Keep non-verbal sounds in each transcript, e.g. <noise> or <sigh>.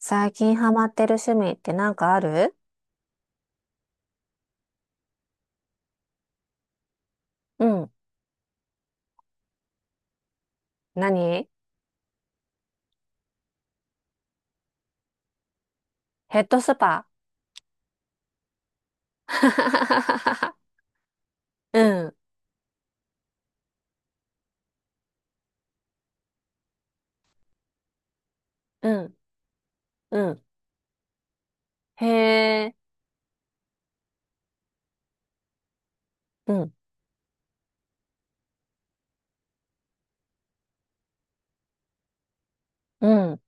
最近ハマってる趣味ってなんかある？うん。何？ヘッドスパ。<laughs> うん、うん、うん。へえ。うん、うん、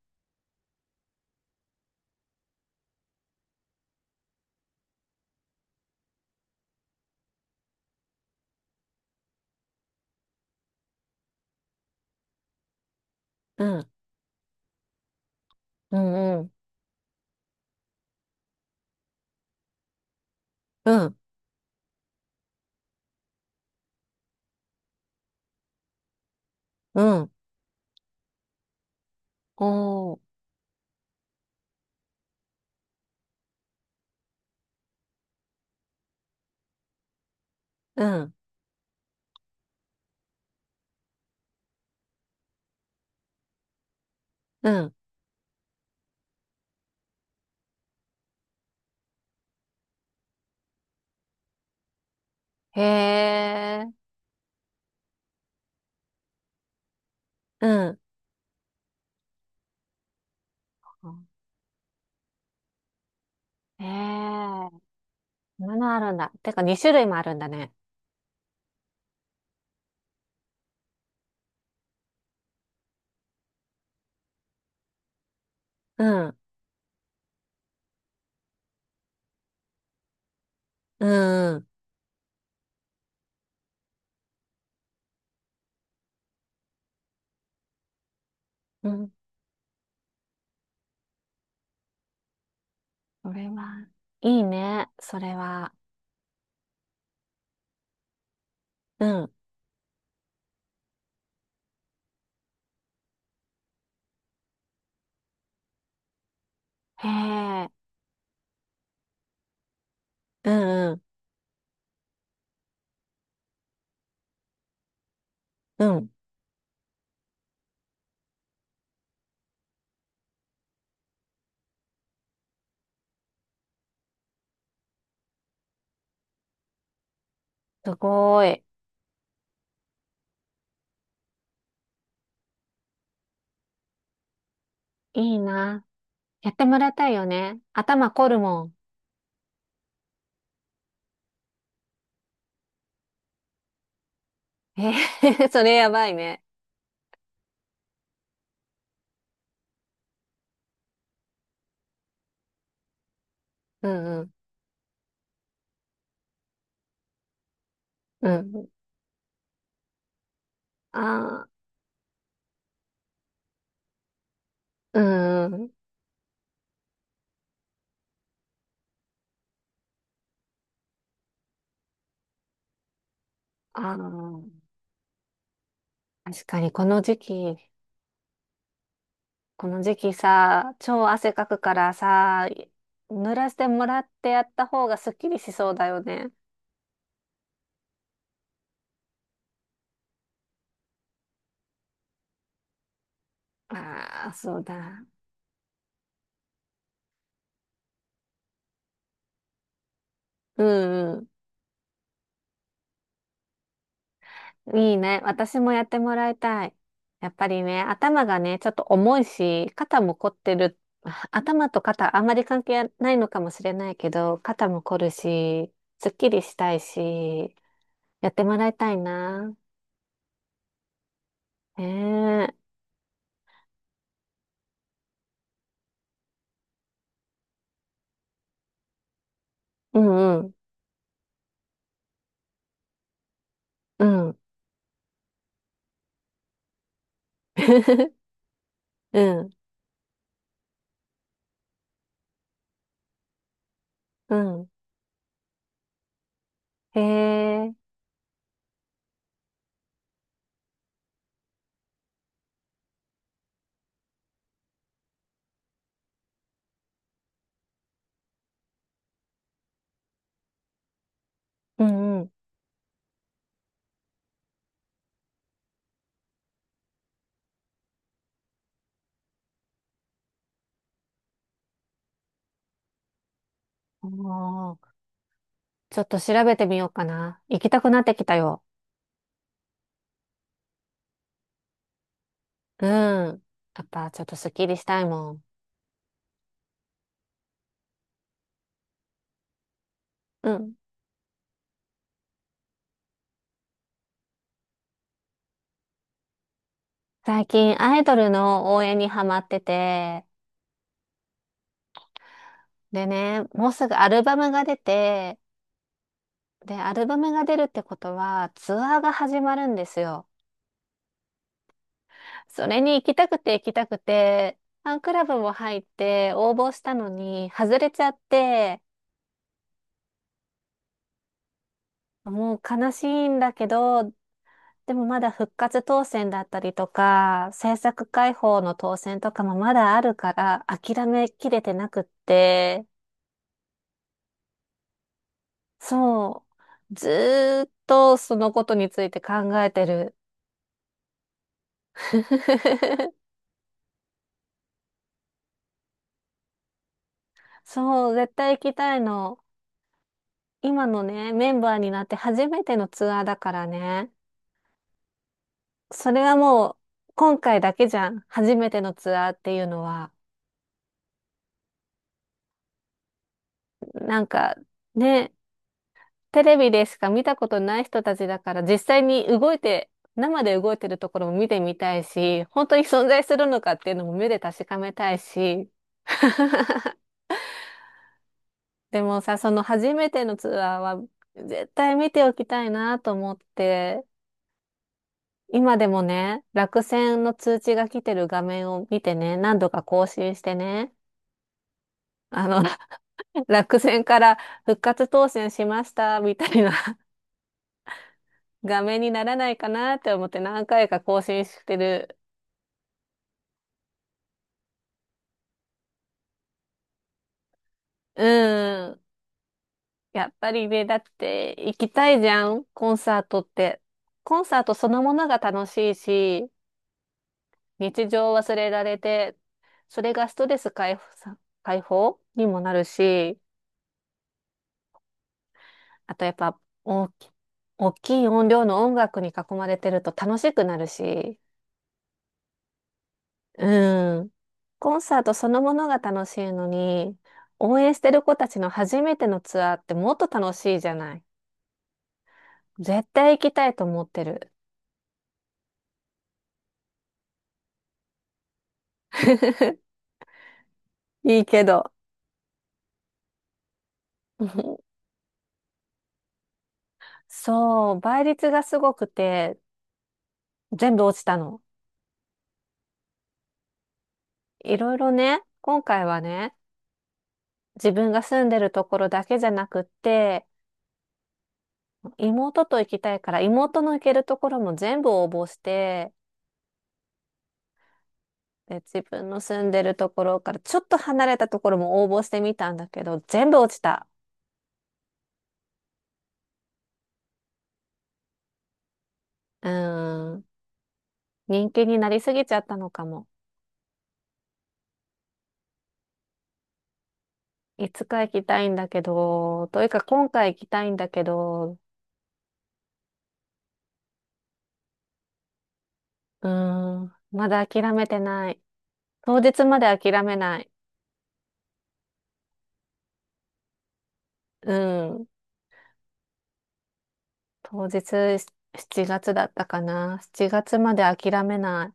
うん、うん、うん、うん、うん。おー、うん、うん。へえ。うん。へえ。そんなのあるんだ。てか2種類もあるんだね。うん、うん、うん。それは、いいね。それは。うん。へえ。うん、うん、うん。すごい。いいな。やってもらいたいよね。頭凝るもん。えー、 <laughs> それやばいね。うんうん。うん。ああ、うんうん。ああ、確かにこの時期、この時期さ、超汗かくからさ、濡らしてもらってやった方がすっきりしそうだよね。ああ、そうだ。うん。いいね。私もやってもらいたい。やっぱりね、頭がね、ちょっと重いし、肩も凝ってる。<laughs> あ、頭と肩、あんまり関係ないのかもしれないけど、肩も凝るし、すっきりしたいし、やってもらいたいな。へえ。うんうん。うん。<laughs> うん。うん。へえ。うんうん。おー、ちょっと調べてみようかな。行きたくなってきたよ。うん。やっぱちょっとすっきりしたいもん。うん。最近アイドルの応援にハマってて、でね、もうすぐアルバムが出て、で、アルバムが出るってことはツアーが始まるんですよ。それに行きたくて行きたくて、ファンクラブも入って応募したのに外れちゃって、もう悲しいんだけど、でもまだ復活当選だったりとか、制作開放の当選とかもまだあるから諦めきれてなくって、そう。ずーっとそのことについて考えてる。<laughs> そう、絶対行きたいの。今のね、メンバーになって初めてのツアーだからね。それはもう、今回だけじゃん。初めてのツアーっていうのは。なんか、ね、テレビでしか見たことない人たちだから、実際に動いて、生で動いてるところも見てみたいし、本当に存在するのかっていうのも目で確かめたいし、でもさ、その初めてのツアーは絶対見ておきたいなと思って、今でもね、落選の通知が来てる画面を見てね、何度か更新してね、あの、<laughs> 落選から復活当選しましたみたいな <laughs> 画面にならないかなって思って何回か更新してる。うん。やっぱりね、だって行きたいじゃん、コンサートって。コンサートそのものが楽しいし、日常を忘れられて、それがストレス解放さ、解放にもなるし、あとやっぱ大きい音量の音楽に囲まれてると楽しくなるし、うん。コンサートそのものが楽しいのに、応援してる子たちの初めてのツアーってもっと楽しいじゃない。絶対行きたいと思ってる。<laughs> いいけど。<laughs> そう、倍率がすごくて、全部落ちたの。いろいろね、今回はね、自分が住んでるところだけじゃなくって、妹と行きたいから、妹の行けるところも全部応募して、で、自分の住んでるところからちょっと離れたところも応募してみたんだけど、全部落ちた。うーん。人気になりすぎちゃったのかも。いつか行きたいんだけど、というか今回行きたいんだけど、うーん。まだ諦めてない。当日まで諦めない。うん。当日7月だったかな。7月まで諦めない。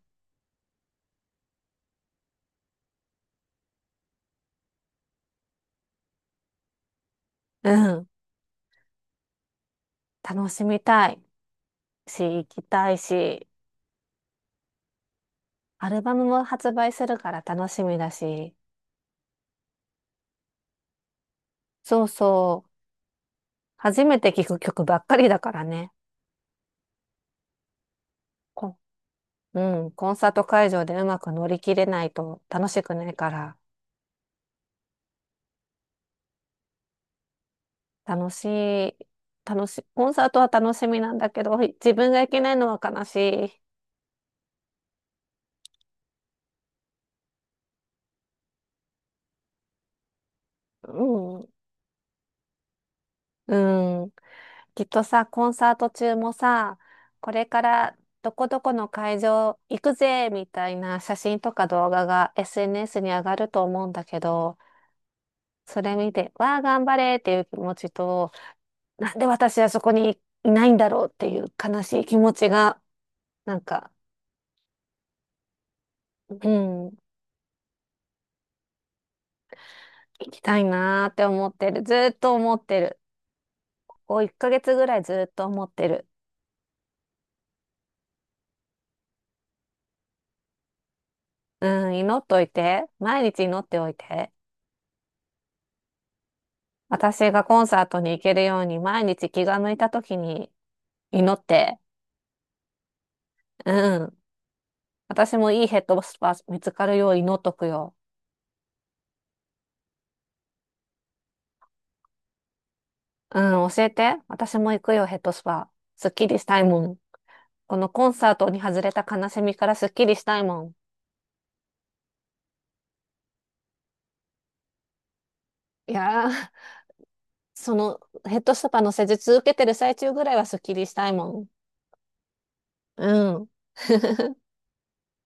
うん。楽しみたいし、行きたいし、アルバムも発売するから楽しみだし、そうそう。初めて聴く曲ばっかりだからね。こうん。コンサート会場でうまく乗り切れないと楽しくないから、楽しい、楽しい、コンサートは楽しみなんだけど、自分が行けないのは悲しい。うん。うん。きっとさ、コンサート中もさ、これからどこどこの会場行くぜみたいな写真とか動画が SNS に上がると思うんだけど、それ見て、わあ、頑張れっていう気持ちと、なんで私はそこにいないんだろうっていう悲しい気持ちが、なんか、うん、行きたいなーって思ってる。ずーっと思ってる。こう1ヶ月ぐらいずーっと思ってる。うん、祈っといて。毎日祈っておいて。私がコンサートに行けるように毎日気が向いた時に祈って、うん。私もいいヘッドスパ見つかるよう祈っとくよ。うん、教えて。私も行くよ、ヘッドスパ。すっきりしたいもん。このコンサートに外れた悲しみからすっきりしたいもん。いやー、そのヘッドスパの施術受けてる最中ぐらいはすっきりしたいもん。うん。<laughs>